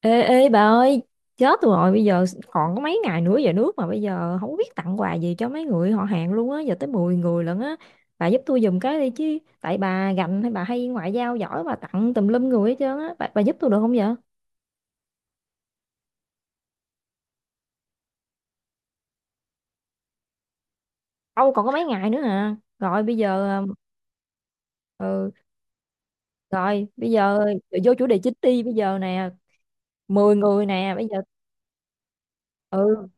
Ê, bà ơi, chết rồi bây giờ, còn có mấy ngày nữa về nước mà bây giờ không biết tặng quà gì cho mấy người họ hàng luôn á, giờ tới 10 người lận á. Bà giúp tôi giùm cái đi chứ, tại bà gành hay bà hay ngoại giao giỏi, bà tặng tùm lum người hết trơn á. Bà giúp tôi được không vậy? Âu còn có mấy ngày nữa à. Rồi bây giờ ừ, rồi bây giờ vô chủ đề chính đi. Bây giờ nè, 10 người nè bây giờ. Ừ.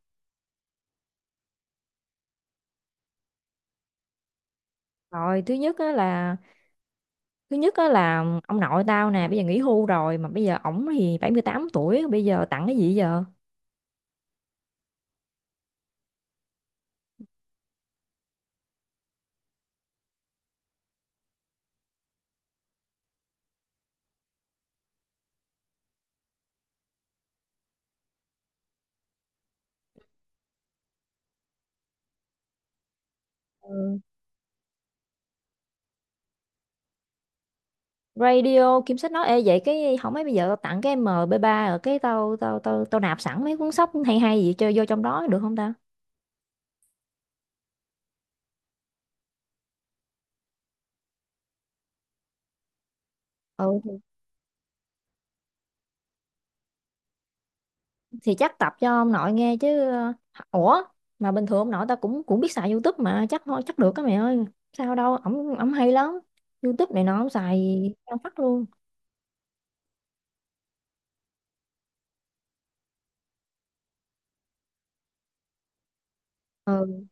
Rồi thứ nhất á là ông nội tao nè, bây giờ nghỉ hưu rồi, mà bây giờ ổng thì 78 tuổi, bây giờ tặng cái gì giờ? Ừ. Radio Kim Sách nói, ê vậy cái không mấy, bây giờ tao tặng cái MP3, ở cái tao tao tao tao nạp sẵn mấy cuốn sách hay hay gì chơi vô trong đó được không ta? Ừ thì, thì chắc tập cho ông nội nghe chứ, ủa mà bình thường ông nội tao cũng cũng biết xài YouTube mà, chắc thôi chắc được cái mẹ ơi. Sao đâu, ổng ổng hay lắm. YouTube này nó ổng xài cao phát luôn. Ừ,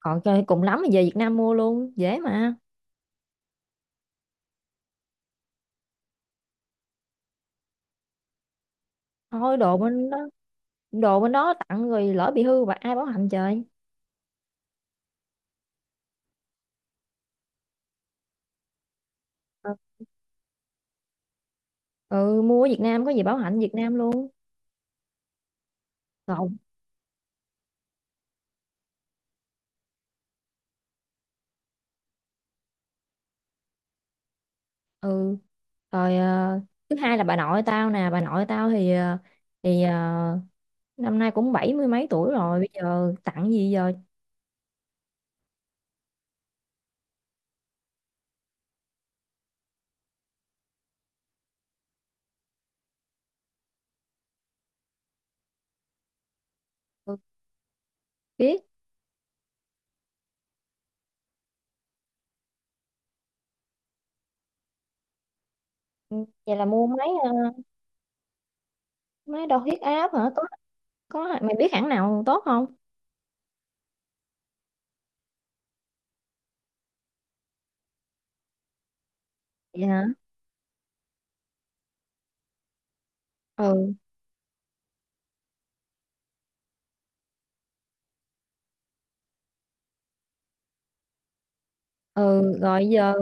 còn chơi cùng lắm thì về Việt Nam mua luôn, dễ mà. Thôi đồ bên đó tặng rồi lỡ bị hư và ai bảo hành trời. Ừ, mua ở Việt Nam có gì bảo hành Việt Nam luôn. Lộn. Ừ. Rồi thứ hai là bà nội tao nè. Bà nội tao thì năm nay cũng bảy mươi mấy tuổi rồi, bây giờ tặng gì giờ? Tôi biết. Ừ, vậy là mua máy, máy đo huyết áp hả? Tốt. Có, mày biết hãng nào tốt không? Vậy hả? Ừ. ừ gọi giờ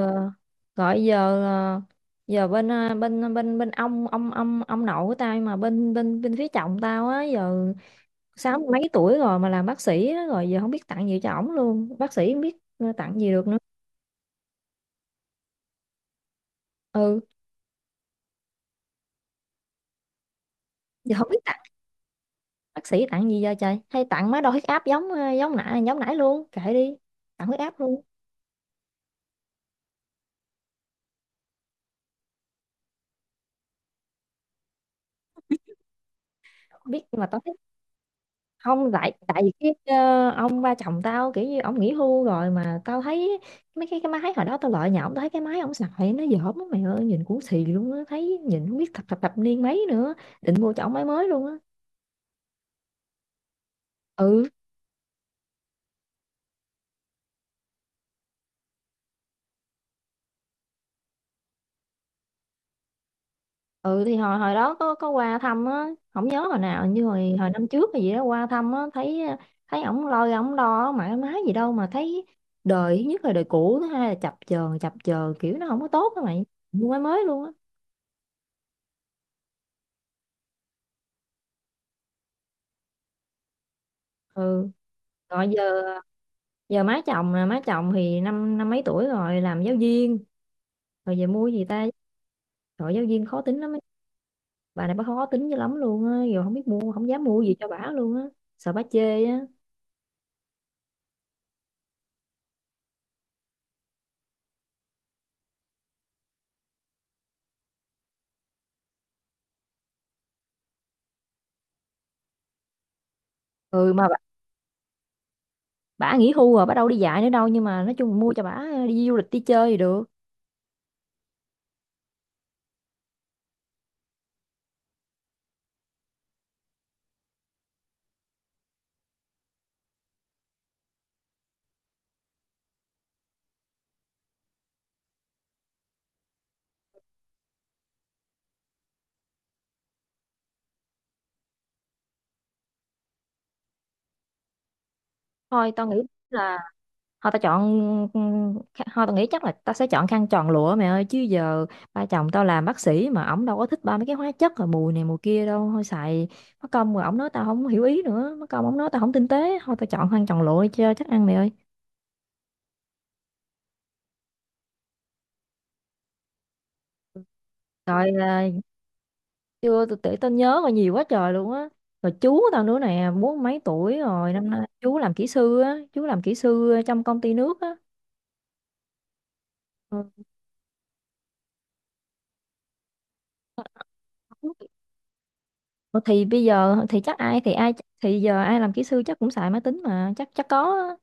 gọi giờ ờ, Giờ bên, bên ông nội của tao, nhưng mà bên bên bên phía chồng tao á, giờ sáu mươi mấy tuổi rồi mà làm bác sĩ á, rồi giờ không biết tặng gì cho ổng luôn. Bác sĩ, không biết tặng gì được nữa. Ừ, giờ không biết tặng. Bác sĩ tặng gì giờ trời, hay tặng má đo huyết áp giống giống nãy luôn, kệ đi. Tặng huyết áp luôn. Không biết nhưng mà tao thích. Không, tại tại vì cái ông ba chồng tao, kiểu như ông nghỉ hưu rồi mà tao thấy mấy cái máy hồi đó tao lợi nhà ổng, tao thấy cái máy ông xài nó dởm lắm mày ơi, nhìn cũng xì luôn á, thấy nhìn không biết thập thập thập niên mấy nữa. Định mua cho ổng máy mới luôn á. Ừ. ừ thì hồi hồi đó có qua thăm á, không nhớ hồi nào, như hồi hồi năm trước hay gì đó qua thăm á, thấy, thấy ổng đo mãi má gì đâu mà thấy, đời thứ nhất là đời cũ, thứ hai là chập chờn kiểu nó không có tốt á mày. Mua máy mới luôn á. Ừ. Rồi giờ, giờ má chồng, là má chồng thì năm năm mấy tuổi rồi, làm giáo viên. Rồi giờ mua gì ta? Rồi giáo viên khó tính lắm ấy. Bà này bà khó tính dữ lắm luôn á, rồi không biết mua, không dám mua gì cho bả luôn á, sợ bả chê á. Ừ mà bả nghỉ hưu rồi, bả đâu đi dạy nữa đâu, nhưng mà nói chung mua cho bả đi du lịch đi chơi thì được. Thôi tao nghĩ là thôi tao chọn thôi tao nghĩ chắc là tao sẽ chọn khăn tròn lụa mẹ ơi. Chứ giờ ba chồng tao làm bác sĩ mà, ổng đâu có thích ba mấy cái hóa chất rồi mùi này mùi kia đâu. Thôi xài mất công rồi ổng nói tao không hiểu ý, nữa mất công ổng nói tao không tinh tế. Thôi tao chọn khăn tròn lụa đi cho chắc ăn mẹ ơi. Rồi là, chưa tôi tự tao nhớ rồi, nhiều quá trời luôn á. Rồi chú tao nữa nè, bốn mấy tuổi rồi, năm nay chú làm kỹ sư á, chú làm kỹ sư trong công ty nước á. Ừ. Ủa thì bây giờ thì chắc ai thì ai, thì giờ ai làm kỹ sư chắc cũng xài máy tính mà, chắc chắc có á.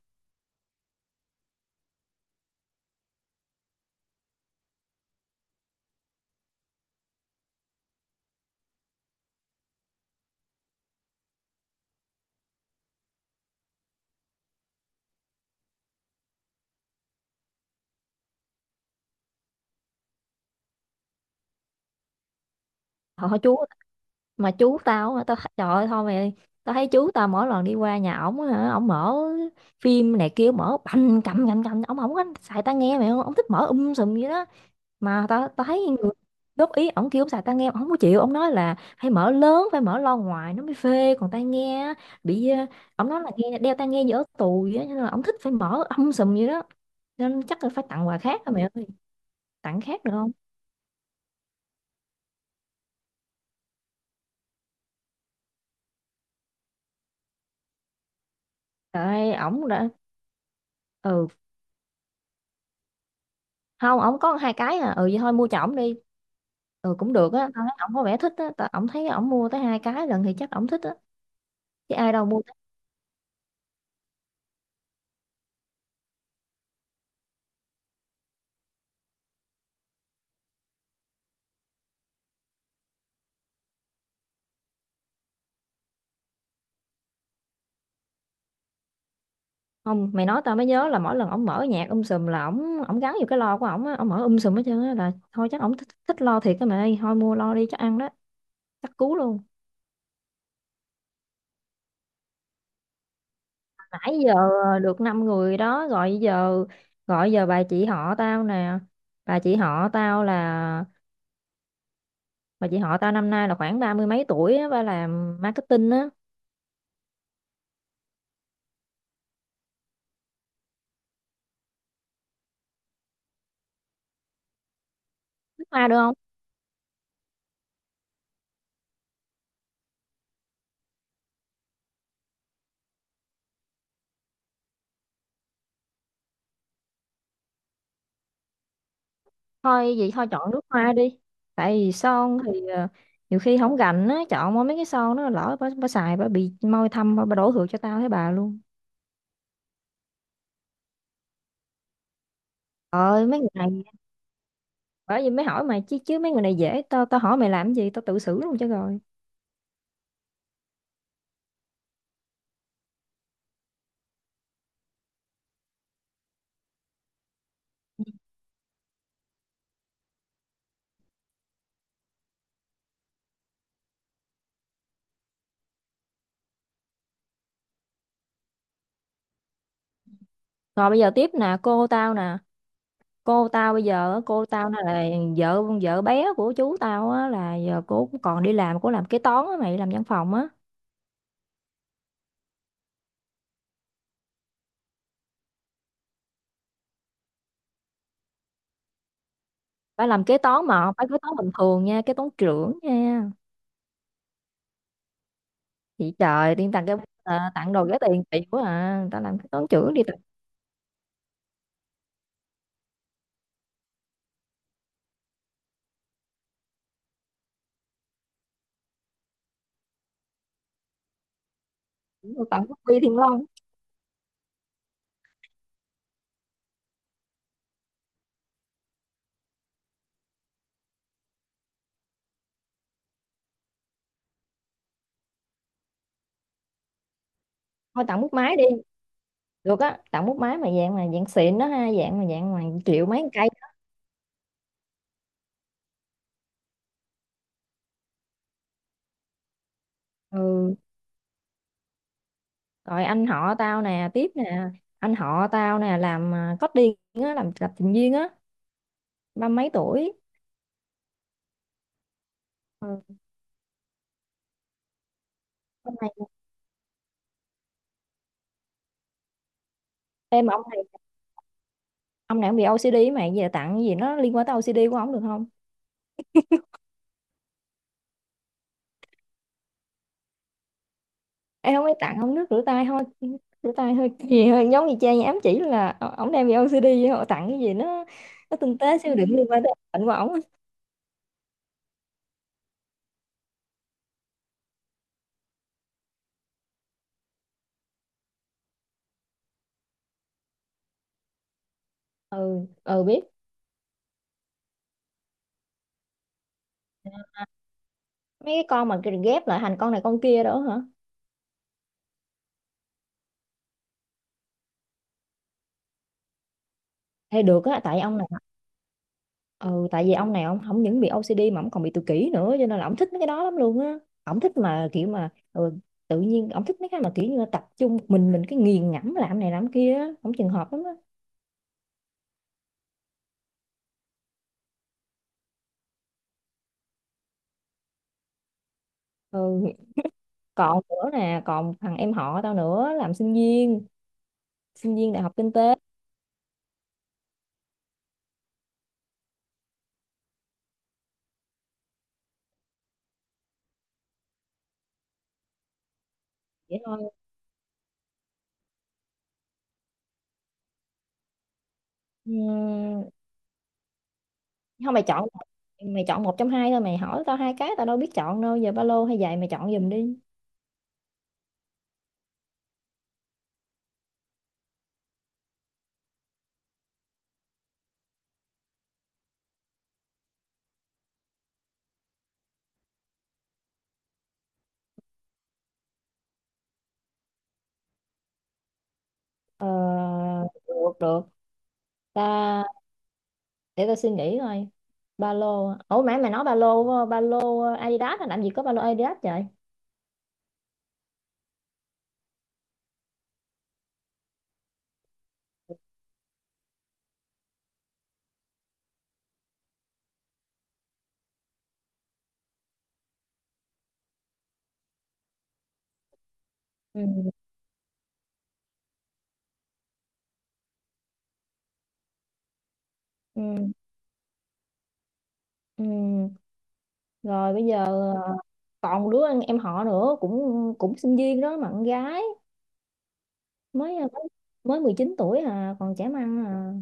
Họ họ chú mà, chú tao á, trời ơi thôi mày, tao thấy chú tao mỗi lần đi qua nhà ổng á hả, ổng mở phim này kia mở bành cầm cầm cầm, ổng không có xài tai nghe mày, ổng thích mở sùm vậy đó. Mà tao tao thấy người góp ý ổng, kêu ổng xài tai nghe ổng không có chịu, ổng nói là phải mở lớn, phải mở loa ngoài nó mới phê, còn tai nghe á, bị ờ, ổng nói là nghe đeo tai nghe dở tù vậy á, nên là ổng thích phải mở sùm vậy đó. Nên chắc là phải tặng quà khác rồi mày ơi. Tặng khác được không? Trời ơi ổng đã. Ừ, không ổng có hai cái à. Ừ vậy thôi mua cho ổng đi. Ừ cũng được á, tao thấy ổng có vẻ thích á, tao ổng thấy ổng mua tới hai cái lần thì chắc ổng thích á, chứ ai đâu mua tới— Không, mày nói tao mới nhớ là mỗi lần ổng mở nhạc sùm là ổng ổng gắn vô cái lo của ổng á, ổng mở sùm hết trơn á, là thôi chắc ổng thích, thích lo thiệt á mày ơi. Thôi mua lo đi chắc ăn đó, chắc cú luôn. Nãy giờ được năm người đó. Gọi giờ bà chị họ tao nè. Bà chị họ tao là bà chị họ tao năm nay là khoảng ba mươi mấy tuổi á, ba làm marketing á. Biết ma được. Thôi vậy thôi chọn nước hoa đi. Tại vì son thì nhiều khi không gành á, chọn mua mấy cái son nó lỡ bà xài bà bị môi thâm, bà đổ thừa cho tao thấy bà luôn. Trời ơi mấy người này, bởi vì mới hỏi mày chứ chứ mấy người này dễ, tao tao hỏi mày làm gì, tao tự xử luôn cho rồi. Rồi bây giờ tiếp nè, cô tao nè. Cô tao bây giờ á, cô tao nè là vợ vợ bé của chú tao á, là giờ cô cũng còn đi làm, cô làm kế toán á mày, làm văn phòng á. Phải làm kế toán mà không phải kế toán bình thường nha, kế toán trưởng nha. Chị trời tiên tặng cái, à tặng đồ rẻ tiền chị quá, à tao làm cái tốn chữ đi tặng. Tặng bút bi Thiên Long. Thôi tặng bút máy đi. Được á, tặng bút máy mà dạng xịn đó ha, dạng mà triệu mấy con cây. Ừ. Rồi anh họ tao nè tiếp nè. Anh họ tao nè làm, à, coding á, làm lập trình viên á, ba mấy tuổi. Ừ. Ông này ông này, ông này ông bị OCD mà, giờ tặng cái gì nó liên quan tới OCD của ông được không? Em không, ấy tặng ông nước rửa tay thôi. Rửa tay hơi gì, hơi giống như cha nhà ám chỉ là ổng đem về OCD, vậy họ tặng cái gì nó tinh tế siêu đỉnh liên quan tới bệnh của ổng á. Ừ biết. Mấy cái con mà cái ghép lại thành con này con kia đó hả? Hay được á, tại ông này. Ừ tại vì ông này, ông không những bị OCD mà ông còn bị tự kỷ nữa, cho nên là ông thích mấy cái đó lắm luôn á. Ông thích mà kiểu mà ừ, tự nhiên ông thích mấy cái mà kiểu như là tập trung một mình, cái nghiền ngẫm làm này làm kia á, ông trường hợp lắm á. Ừ. Còn nữa nè, còn thằng em họ tao nữa, làm sinh viên, sinh viên đại học kinh tế. Vậy thôi. Ừm, không mày chọn, mày chọn một trong hai thôi, mày hỏi tao hai cái tao đâu biết chọn đâu giờ, ba lô hay giày mày chọn giùm đi. ờ, được được ta, để tao suy nghĩ coi. Ba lô, ủa mày mày nói ba lô, ba lô Adidas hả? Làm gì có ba lô Adidas vậy? Ừ, ừ, ừ. Rồi bây giờ còn đứa em họ nữa, cũng cũng sinh viên đó, mà con gái, mới mới 19 tuổi à, còn trẻ măng à.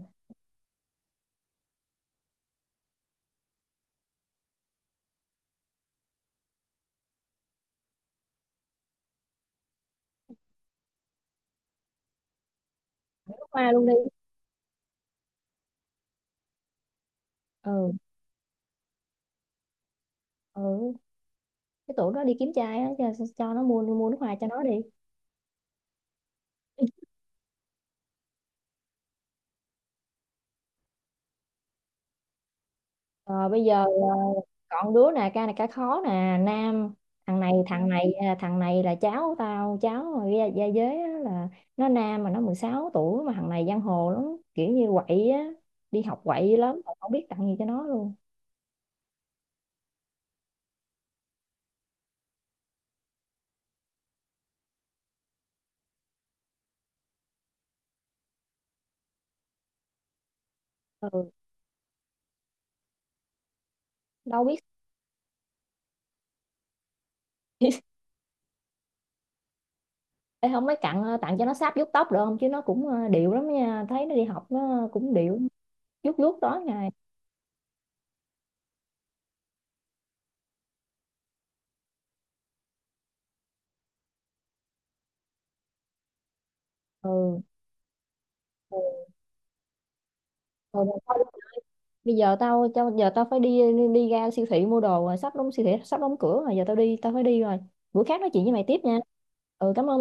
Nước hoa luôn đi. Ừ. Ừ, cái tụi nó đi kiếm trai á, cho nó mua mua nước hoa cho nó đi. Ờ, bây giờ còn đứa nè ca này ca khó nè, nam. Thằng này là cháu tao, cháu mà gia giới á, là nó nam mà nó 16 tuổi mà, thằng này giang hồ lắm, kiểu như quậy á, đi học quậy lắm mà không biết tặng gì cho nó luôn. Ừ, đâu biết. Ê, không mấy cặn, tặng cho nó sáp vuốt tóc được không, chứ nó cũng điệu lắm nha, thấy nó đi học nó cũng điệu, vuốt vuốt tối ngày. Ừ. Ừ. ừ. Bây giờ tao tao giờ tao phải đi, đi ra siêu thị mua đồ rồi, sắp đóng siêu thị sắp đóng cửa rồi, giờ tao đi tao phải đi rồi. Bữa khác nói chuyện với mày tiếp nha. Ừ cảm ơn.